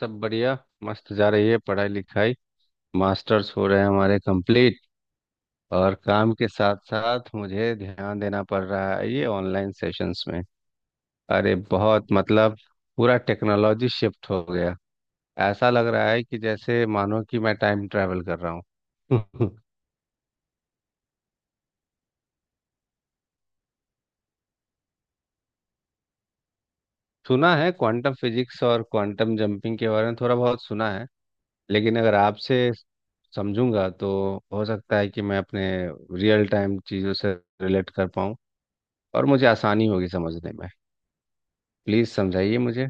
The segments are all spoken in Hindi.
सब बढ़िया। मस्त जा रही है पढ़ाई लिखाई। मास्टर्स हो रहे हैं हमारे कंप्लीट। और काम के साथ साथ मुझे ध्यान देना पड़ रहा है ये ऑनलाइन सेशंस में। अरे बहुत मतलब पूरा टेक्नोलॉजी शिफ्ट हो गया। ऐसा लग रहा है कि जैसे मानो कि मैं टाइम ट्रैवल कर रहा हूँ। सुना है, क्वांटम फिजिक्स और क्वांटम जंपिंग के बारे में थोड़ा बहुत सुना है। लेकिन अगर आपसे समझूंगा तो हो सकता है कि मैं अपने रियल टाइम चीज़ों से रिलेट कर पाऊँ और मुझे आसानी होगी समझने में। प्लीज समझाइए मुझे।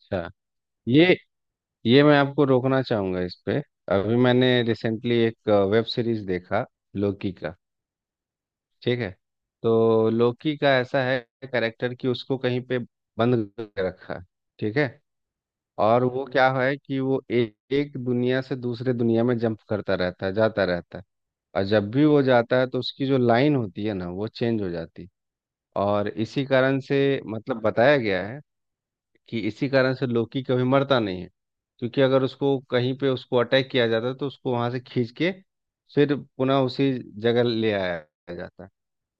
अच्छा। ये ये मैं आपको रोकना चाहूंगा इस पे। अभी मैंने रिसेंटली एक वेब सीरीज देखा, लोकी का। ठीक है। तो लोकी का ऐसा है कैरेक्टर कि उसको कहीं पे बंद करके रखा है, ठीक है। और वो क्या है कि वो एक दुनिया से दूसरे दुनिया में जंप करता रहता है जाता रहता है। और जब भी वो जाता है तो उसकी जो लाइन होती है ना वो चेंज हो जाती है। और इसी कारण से मतलब बताया गया है कि इसी कारण से लोकी कभी मरता नहीं है, क्योंकि अगर उसको कहीं पे उसको अटैक किया जाता है तो उसको वहां से खींच के फिर पुनः उसी जगह ले आया जाता है।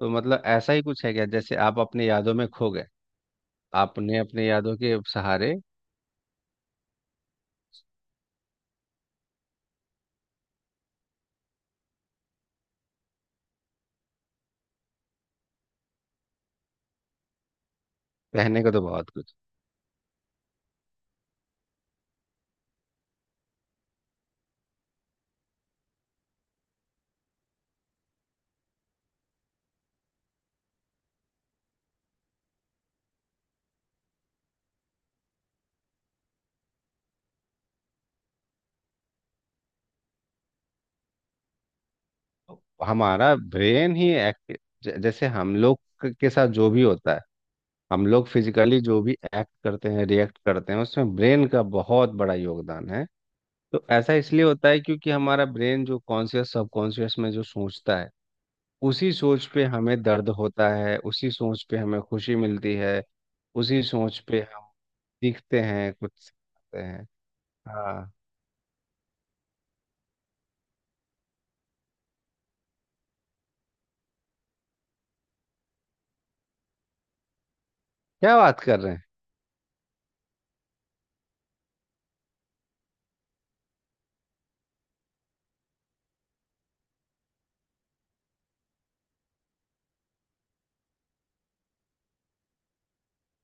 तो मतलब ऐसा ही कुछ है क्या, जैसे आप अपने यादों में खो गए, आपने अपने यादों के सहारे। रहने का तो बहुत कुछ। हमारा ब्रेन ही एक्टिव। जैसे हम लोग के साथ जो भी होता है, हम लोग फिजिकली जो भी एक्ट करते हैं रिएक्ट करते हैं उसमें ब्रेन का बहुत बड़ा योगदान है। तो ऐसा इसलिए होता है क्योंकि हमारा ब्रेन जो कॉन्शियस सबकॉन्शियस में जो सोचता है, उसी सोच पे हमें दर्द होता है, उसी सोच पे हमें खुशी मिलती है, उसी सोच पे हम दिखते हैं, कुछ सीखते हैं। हाँ, क्या बात कर रहे हैं।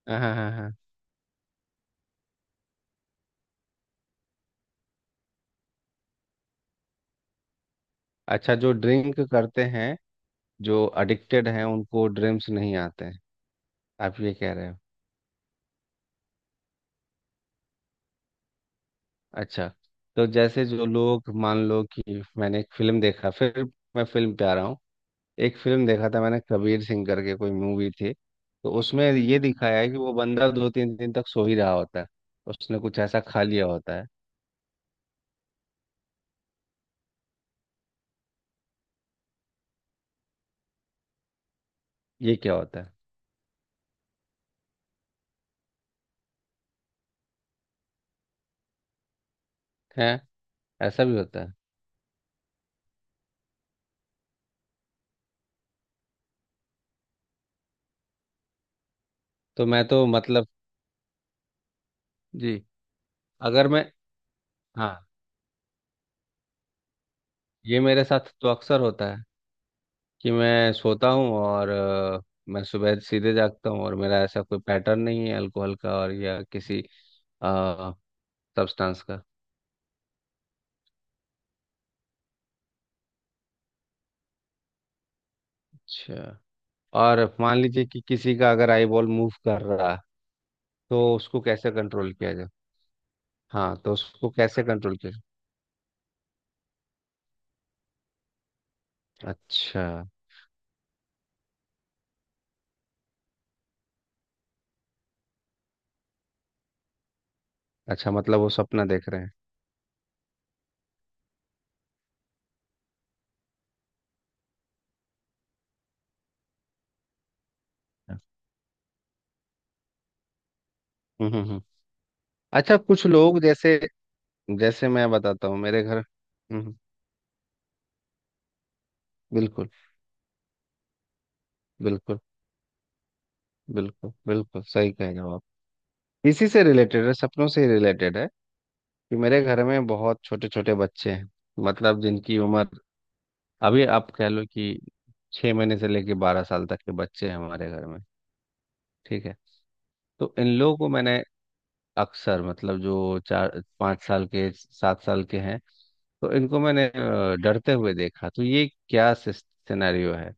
हाँ हाँ हाँ हाँ। अच्छा, जो ड्रिंक करते हैं, जो एडिक्टेड हैं, उनको ड्रीम्स नहीं आते हैं, आप ये कह रहे हो। अच्छा, तो जैसे जो लोग, मान लो कि मैंने एक फिल्म देखा, फिर मैं फिल्म पे आ रहा हूँ। एक फिल्म देखा था मैंने, कबीर सिंह करके कोई मूवी थी, तो उसमें ये दिखाया है कि वो बंदा दो तीन दिन तक सो ही रहा होता है, उसने कुछ ऐसा खा लिया होता है। ये क्या होता है। है, ऐसा भी होता है। तो मैं तो मतलब, जी, अगर मैं, हाँ, ये मेरे साथ तो अक्सर होता है कि मैं सोता हूँ और मैं सुबह सीधे जागता हूँ और मेरा ऐसा कोई पैटर्न नहीं है अल्कोहल का और या किसी सब्सटेंस का। अच्छा। और मान लीजिए कि किसी का अगर आई बॉल मूव कर रहा है, तो उसको कैसे कंट्रोल किया जाए। हाँ, तो उसको कैसे कंट्रोल किया जाए। अच्छा, अच्छा। मतलब वो सपना देख रहे हैं। हम्म हम्म हम्म। अच्छा, कुछ लोग जैसे, जैसे मैं बताता हूँ मेरे घर, बिल्कुल बिल्कुल बिल्कुल बिल्कुल सही कह रहे हो आप। इसी से रिलेटेड है, सपनों से रिलेटेड है, कि मेरे घर में बहुत छोटे छोटे बच्चे हैं, मतलब जिनकी उम्र, अभी आप कह लो कि 6 महीने से लेके 12 साल तक के बच्चे हैं हमारे घर में। ठीक है। तो इन लोगों को मैंने अक्सर, मतलब जो चार पाँच साल के 7 साल के हैं, तो इनको मैंने डरते हुए देखा, तो ये क्या सिनेरियो है,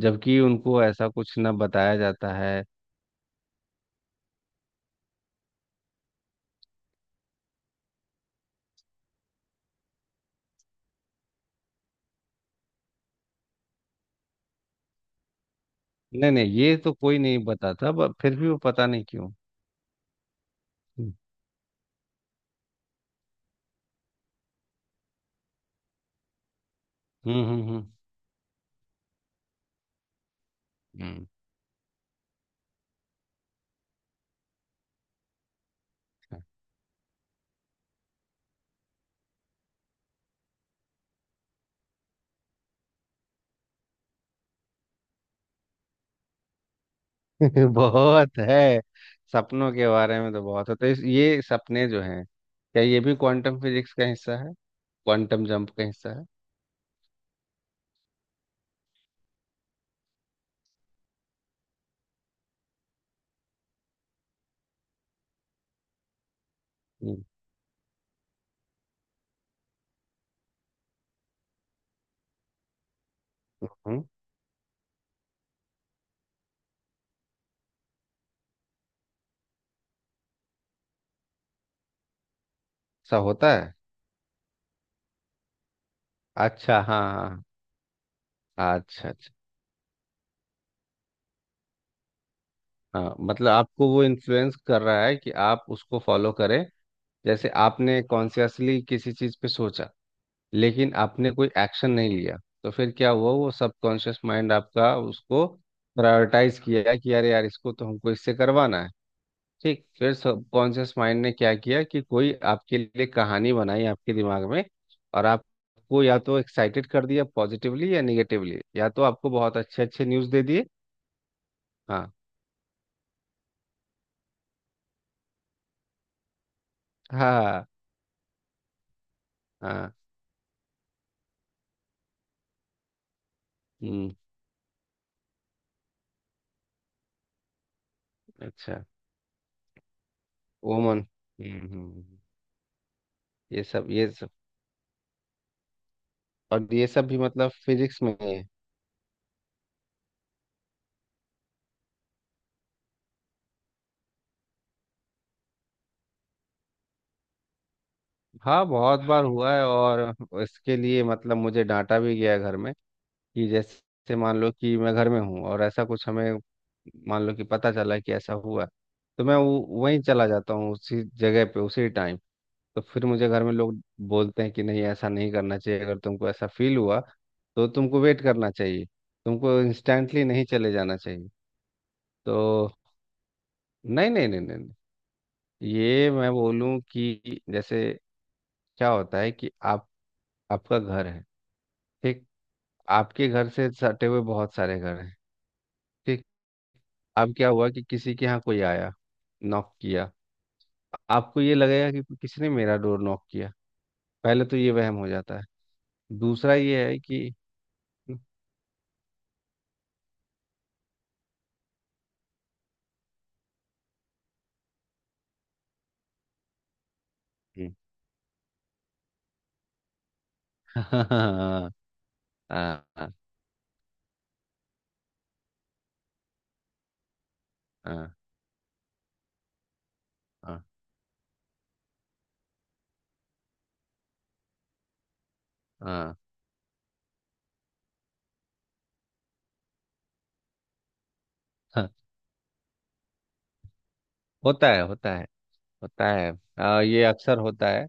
जबकि उनको ऐसा कुछ ना बताया जाता है। नहीं नहीं, ये तो कोई नहीं बताता, बट फिर भी वो पता नहीं क्यों। हम्म हम्म हम्म हम्म। बहुत है, सपनों के बारे में तो बहुत है। तो ये सपने जो हैं, क्या ये भी क्वांटम फिजिक्स का हिस्सा है, क्वांटम जंप का हिस्सा है। हम्म हम्म। ऐसा होता है। अच्छा, हाँ हाँ। अच्छा अच्छा। हाँ, मतलब आपको वो इन्फ्लुएंस कर रहा है कि आप उसको फॉलो करें। जैसे आपने कॉन्शियसली किसी चीज़ पे सोचा, लेकिन आपने कोई एक्शन नहीं लिया, तो फिर क्या हुआ, वो सबकॉन्शियस माइंड आपका उसको प्रायोरिटाइज किया कि अरे यार इसको तो हमको इससे करवाना है, ठीक। फिर सबकॉन्शियस माइंड ने क्या किया कि कोई आपके लिए कहानी बनाई आपके दिमाग में, और आपको या तो एक्साइटेड कर दिया पॉजिटिवली या निगेटिवली, या तो आपको बहुत अच्छे अच्छे न्यूज़ दे दिए। हाँ हाँ हाँ। हम्म। अच्छा, ओमन। ये सब और ये सब भी मतलब फिजिक्स में ही है। हाँ, बहुत बार हुआ है, और इसके लिए मतलब मुझे डांटा भी गया है घर में, कि जैसे मान लो कि मैं घर में हूँ और ऐसा कुछ हमें, मान लो कि पता चला कि ऐसा हुआ, तो मैं वो वहीं चला जाता हूँ उसी जगह पे उसी टाइम। तो फिर मुझे घर में लोग बोलते हैं कि नहीं ऐसा नहीं करना चाहिए, अगर तुमको ऐसा फील हुआ तो तुमको वेट करना चाहिए, तुमको इंस्टेंटली नहीं चले जाना चाहिए। तो नहीं नहीं नहीं नहीं नहीं। ये मैं बोलूं कि जैसे, क्या होता है कि आप, आपका घर है, ठीक, आपके घर से सटे हुए बहुत सारे घर हैं, ठीक। अब क्या हुआ कि किसी के यहाँ कोई आया, नॉक किया, आपको ये लगेगा कि किसी ने मेरा डोर नॉक किया, पहले तो ये वहम हो जाता है। दूसरा ये है कि, हम्म। हाँ हाँ हाँ हाँ हाँ हाँ, हाँ। होता है होता है होता है। ये अक्सर होता है,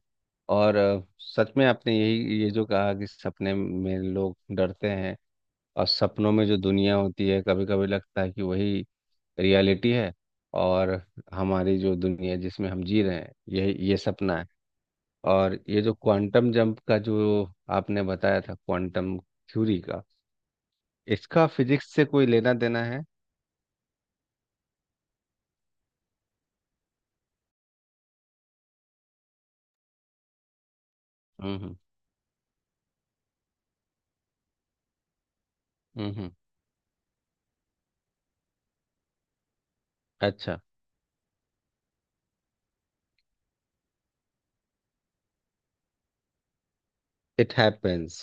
और सच में आपने यही, ये जो कहा कि सपने में लोग डरते हैं, और सपनों में जो दुनिया होती है कभी कभी लगता है कि वही रियलिटी है, और हमारी जो दुनिया जिसमें हम जी रहे हैं ये सपना है, और ये जो क्वांटम जंप का जो आपने बताया था, क्वांटम थ्योरी का, इसका फिजिक्स से कोई लेना देना है। हम्म हम्म हम्म, हम्म। अच्छा। It happens.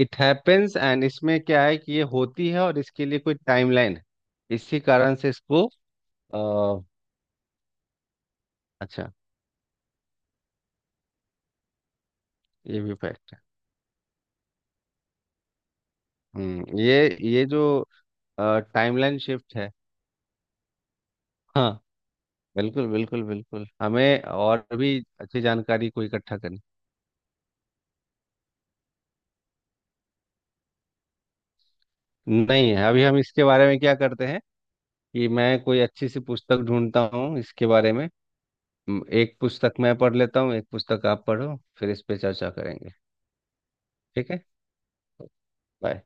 It happens and इसमें क्या है कि ये होती है और इसके लिए कोई टाइमलाइन है, इसी कारण से इसको अ, अच्छा, ये भी फैक्ट है। हम्म, ये जो टाइमलाइन शिफ्ट है, हाँ। बिल्कुल बिल्कुल बिल्कुल, हमें और भी अच्छी जानकारी को इकट्ठा करनी। नहीं है अभी, हम इसके बारे में क्या करते हैं कि मैं कोई अच्छी सी पुस्तक ढूंढता हूँ इसके बारे में। एक पुस्तक मैं पढ़ लेता हूँ, एक पुस्तक आप पढ़ो, फिर इस पे चर्चा करेंगे। ठीक है। Bye.